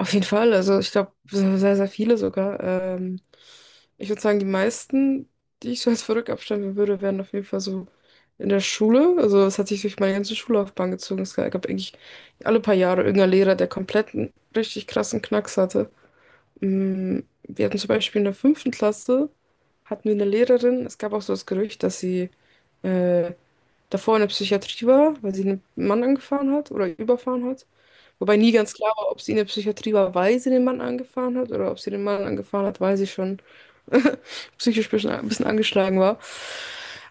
Auf jeden Fall, also ich glaube, sehr, sehr viele sogar. Ich würde sagen, die meisten, die ich so als verrückt abstempeln würde, wären auf jeden Fall so in der Schule. Also es hat sich durch meine ganze Schullaufbahn gezogen. Es gab eigentlich alle paar Jahre irgendeinen Lehrer, der komplett einen richtig krassen Knacks hatte. Wir hatten zum Beispiel in der fünften Klasse, hatten wir eine Lehrerin. Es gab auch so das Gerücht, dass sie äh, davor in der Psychiatrie war, weil sie einen Mann angefahren hat oder überfahren hat. Wobei nie ganz klar war, ob sie in der Psychiatrie war, weil sie den Mann angefahren hat oder ob sie den Mann angefahren hat, weil sie schon psychisch ein bisschen angeschlagen war.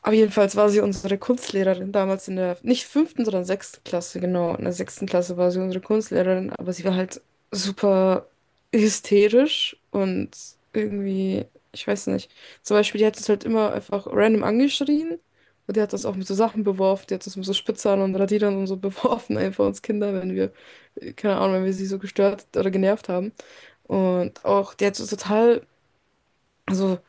Aber jedenfalls war sie unsere Kunstlehrerin damals in der, nicht fünften, sondern sechsten Klasse, genau. In der sechsten Klasse war sie unsere Kunstlehrerin, aber sie war halt super hysterisch und irgendwie, ich weiß nicht. Zum Beispiel, die hat uns halt immer einfach random angeschrien. Und die hat uns auch mit so Sachen beworfen, die hat uns mit so Spitzern und Radierern und so beworfen, einfach uns Kinder, wenn wir keine Ahnung, wenn wir sie so gestört oder genervt haben. Und auch, die hat so total, also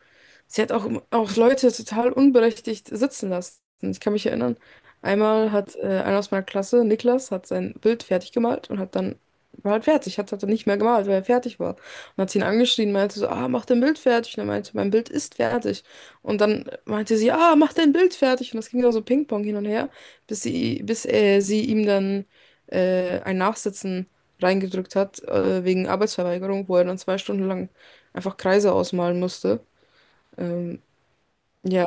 sie hat auch, auch Leute total unberechtigt sitzen lassen. Ich kann mich erinnern, einmal hat einer aus meiner Klasse, Niklas, hat sein Bild fertig gemalt und hat dann, war halt fertig, hat dann nicht mehr gemalt, weil er fertig war. Und hat sie ihn angeschrien, meinte so, ah, mach dein Bild fertig. Und er meinte, mein Bild ist fertig. Und dann meinte sie, ah, mach dein Bild fertig. Und das ging dann so Ping-Pong hin und her, bis sie ihm dann ein Nachsitzen reingedrückt hat, wegen Arbeitsverweigerung, wo er dann zwei Stunden lang einfach Kreise ausmalen musste. Ähm, ja.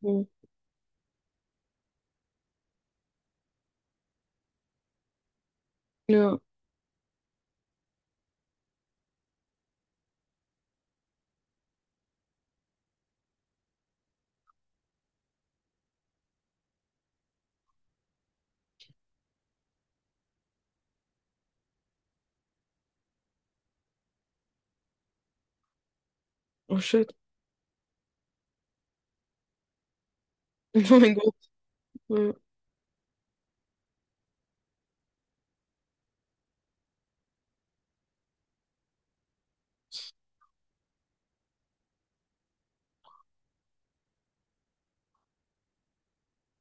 Mhm. Ja. Oh shit. Oh mein Gott. Ja.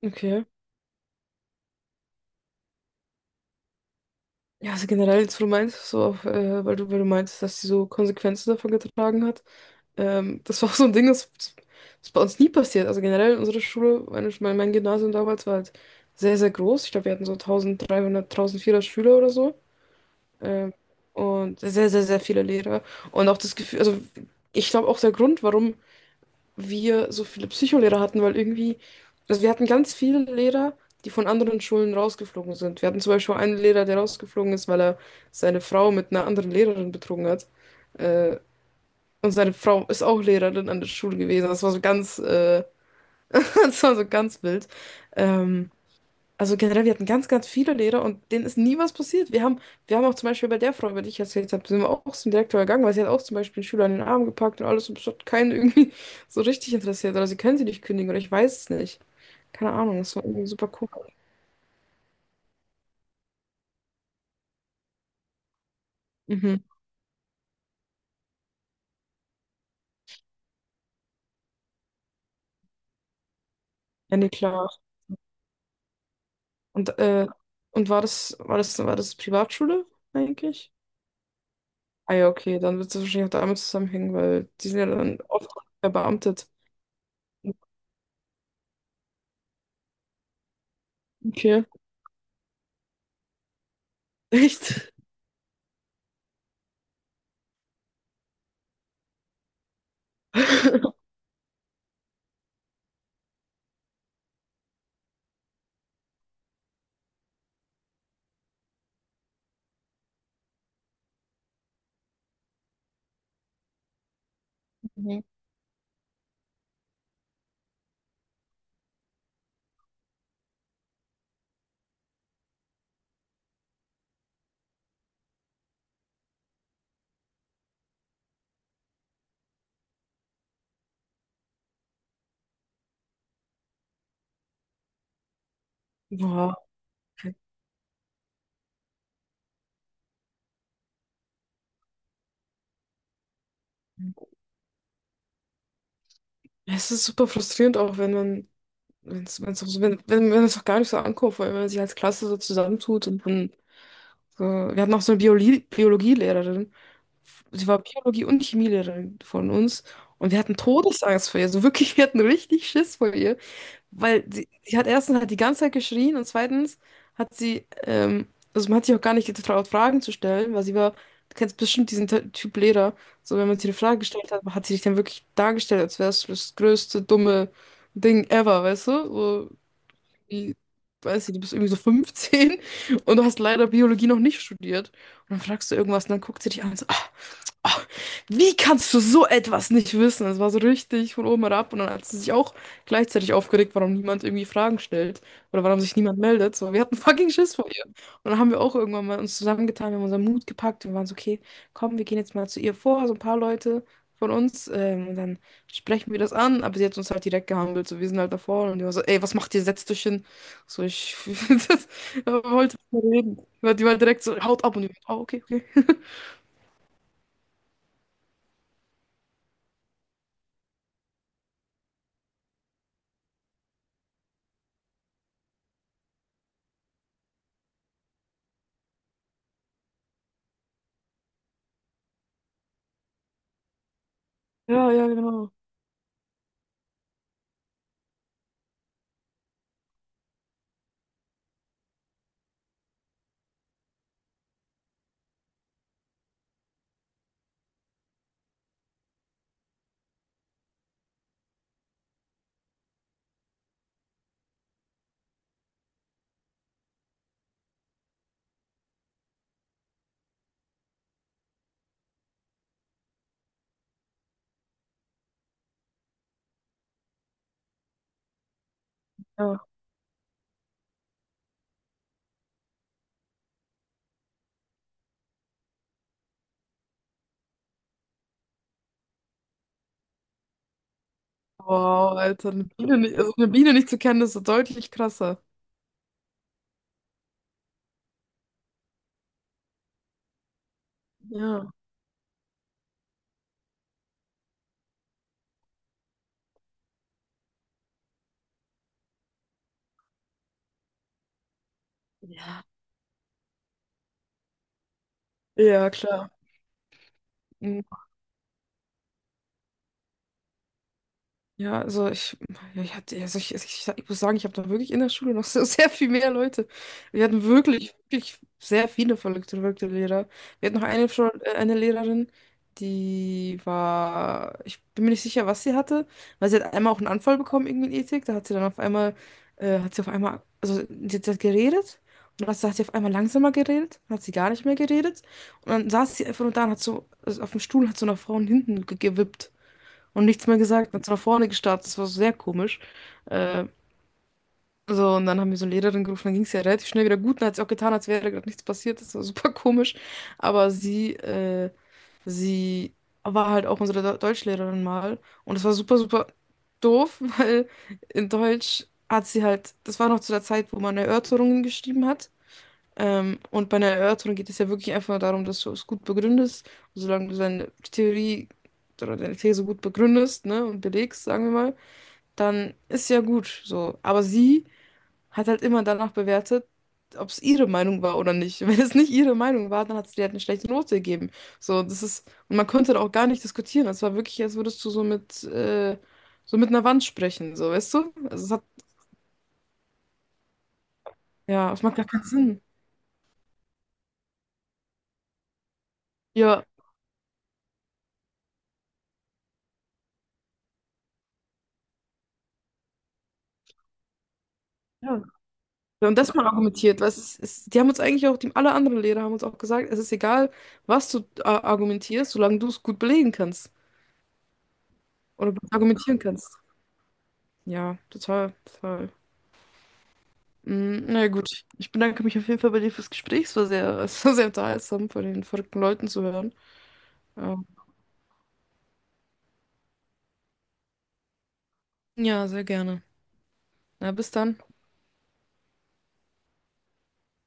Okay. Ja, also generell jetzt, wo du meinst, so auch, weil du meinst, dass sie so Konsequenzen davon getragen hat. Das war auch so ein Ding, das ist bei uns nie passiert. Also generell unsere Schule, mein Gymnasium damals war halt sehr, sehr groß. Ich glaube, wir hatten so 1300, 1400 Schüler oder so. Ähm, und sehr, sehr, sehr viele Lehrer. Und auch das Gefühl, also ich glaube auch der Grund, warum wir so viele Psycholehrer hatten, weil irgendwie, also wir hatten ganz viele Lehrer, die von anderen Schulen rausgeflogen sind. Wir hatten zum Beispiel einen Lehrer, der rausgeflogen ist, weil er seine Frau mit einer anderen Lehrerin betrogen hat. Äh, und seine Frau ist auch Lehrerin an der Schule gewesen. Das war so ganz, das war so ganz wild. Ähm, also generell, wir hatten ganz, ganz viele Lehrer und denen ist nie was passiert. Wir haben auch zum Beispiel bei der Frau, über die ich erzählt habe, sind wir auch zum Direktor gegangen, weil sie hat auch zum Beispiel einen Schüler in den Arm gepackt und alles und es hat keinen irgendwie so richtig interessiert. Oder sie können sie nicht kündigen oder ich weiß es nicht. Keine Ahnung, das war irgendwie super cool. Mhm. Ja, nee, klar. Und, äh, und war das Privatschule eigentlich? Ah ja, okay, dann wird es wahrscheinlich auch damit zusammenhängen, weil die sind ja dann oft verbeamtet. Okay. Echt? Boah. Ja, es ist super frustrierend auch, wenn man, wenn's, wenn's auch so, wenn es auch gar nicht so ankommt, weil wenn man sich als Klasse so zusammentut und dann so, wir hatten auch so eine Biologielehrerin, sie war Biologie- und Chemielehrerin von uns und wir hatten Todesangst vor ihr, so wirklich, wir hatten richtig Schiss vor ihr. Weil sie hat erstens halt die ganze Zeit geschrien und zweitens hat sie, ähm, also man hat sich auch gar nicht getraut, Fragen zu stellen, weil sie war, du kennst bestimmt diesen Typ Lehrer, so wenn man sie eine Frage gestellt hat, hat sie sich dann wirklich dargestellt, als wäre es das größte dumme Ding ever, weißt du? So, irgendwie, weiß ich, du bist irgendwie so 15 und du hast leider Biologie noch nicht studiert. Und dann fragst du irgendwas und dann guckt sie dich an und so, ah, ah, wie kannst du so etwas nicht wissen? Das war so richtig von oben herab. Und dann hat sie sich auch gleichzeitig aufgeregt, warum niemand irgendwie Fragen stellt oder warum sich niemand meldet. So, wir hatten fucking Schiss vor ihr. Und dann haben wir auch irgendwann mal uns zusammengetan, wir haben unseren Mut gepackt und waren so, okay, komm, wir gehen jetzt mal zu ihr vor, so ein paar Leute von uns. Und dann sprechen wir das an, aber sie hat uns halt direkt gehandelt. So, wir sind halt davor und die war so, ey, was macht ihr? Setzt euch hin. So, ich das, wollte nicht mehr reden. Weil die war direkt so, haut ab und ich, oh, okay, okay. Ja, ja, genau. Ja. Wow, Alter, eine Biene nicht, also eine Biene nicht zu kennen, ist so deutlich krasser. Ja. Ja. Ja, klar. Mhm. Ja, also ich, ich muss sagen, ich habe da wirklich in der Schule noch so sehr viel mehr Leute. Wir hatten wirklich, wirklich sehr viele verrückte, verrückte Lehrer. Wir hatten noch eine Lehrerin, die war, ich bin mir nicht sicher, was sie hatte, weil sie hat einmal auch einen Anfall bekommen, irgendwie in Ethik. Da hat sie dann auf einmal, hat sie auf einmal, also sie hat geredet und dann hat sie auf einmal langsamer geredet, dann hat sie gar nicht mehr geredet und dann saß sie einfach nur da und hat so, also auf dem Stuhl hat so nach vorne und hinten gewippt und nichts mehr gesagt. Dann ist nach vorne gestartet. Das war so sehr komisch. Äh, so, und dann haben wir so eine Lehrerin gerufen. Dann ging es ja relativ schnell wieder gut. Und hat sie auch getan, als wäre gerade nichts passiert. Das war super komisch. Aber sie war halt auch unsere Deutschlehrerin mal. Und das war super, super doof, weil in Deutsch hat sie halt, das war noch zu der Zeit, wo man Erörterungen geschrieben hat. Und bei einer Erörterung geht es ja wirklich einfach darum, dass du es gut begründest. Und solange du deine Theorie oder deine These gut begründest, ne, und belegst, sagen wir mal, dann ist ja gut so. Aber sie hat halt immer danach bewertet, ob es ihre Meinung war oder nicht. Und wenn es nicht ihre Meinung war, dann hat sie dir halt eine schlechte Note gegeben. So, das ist, und man konnte da auch gar nicht diskutieren. Es war wirklich, als würdest du so mit einer Wand sprechen, so, weißt du? Ja, es macht gar keinen Sinn. Ja. Ja. Ja, und das mal argumentiert, weil die haben uns eigentlich auch, die, alle anderen Lehrer haben uns auch gesagt, es ist egal, was du argumentierst, solange du es gut belegen kannst oder argumentieren kannst. Ja, total, total. Na ja, gut, ich bedanke mich auf jeden Fall bei dir fürs Gespräch. Es war sehr, es war sehr unterhaltsam, von den verrückten Leuten zu hören. Ähm, ja, sehr gerne. Na, bis dann.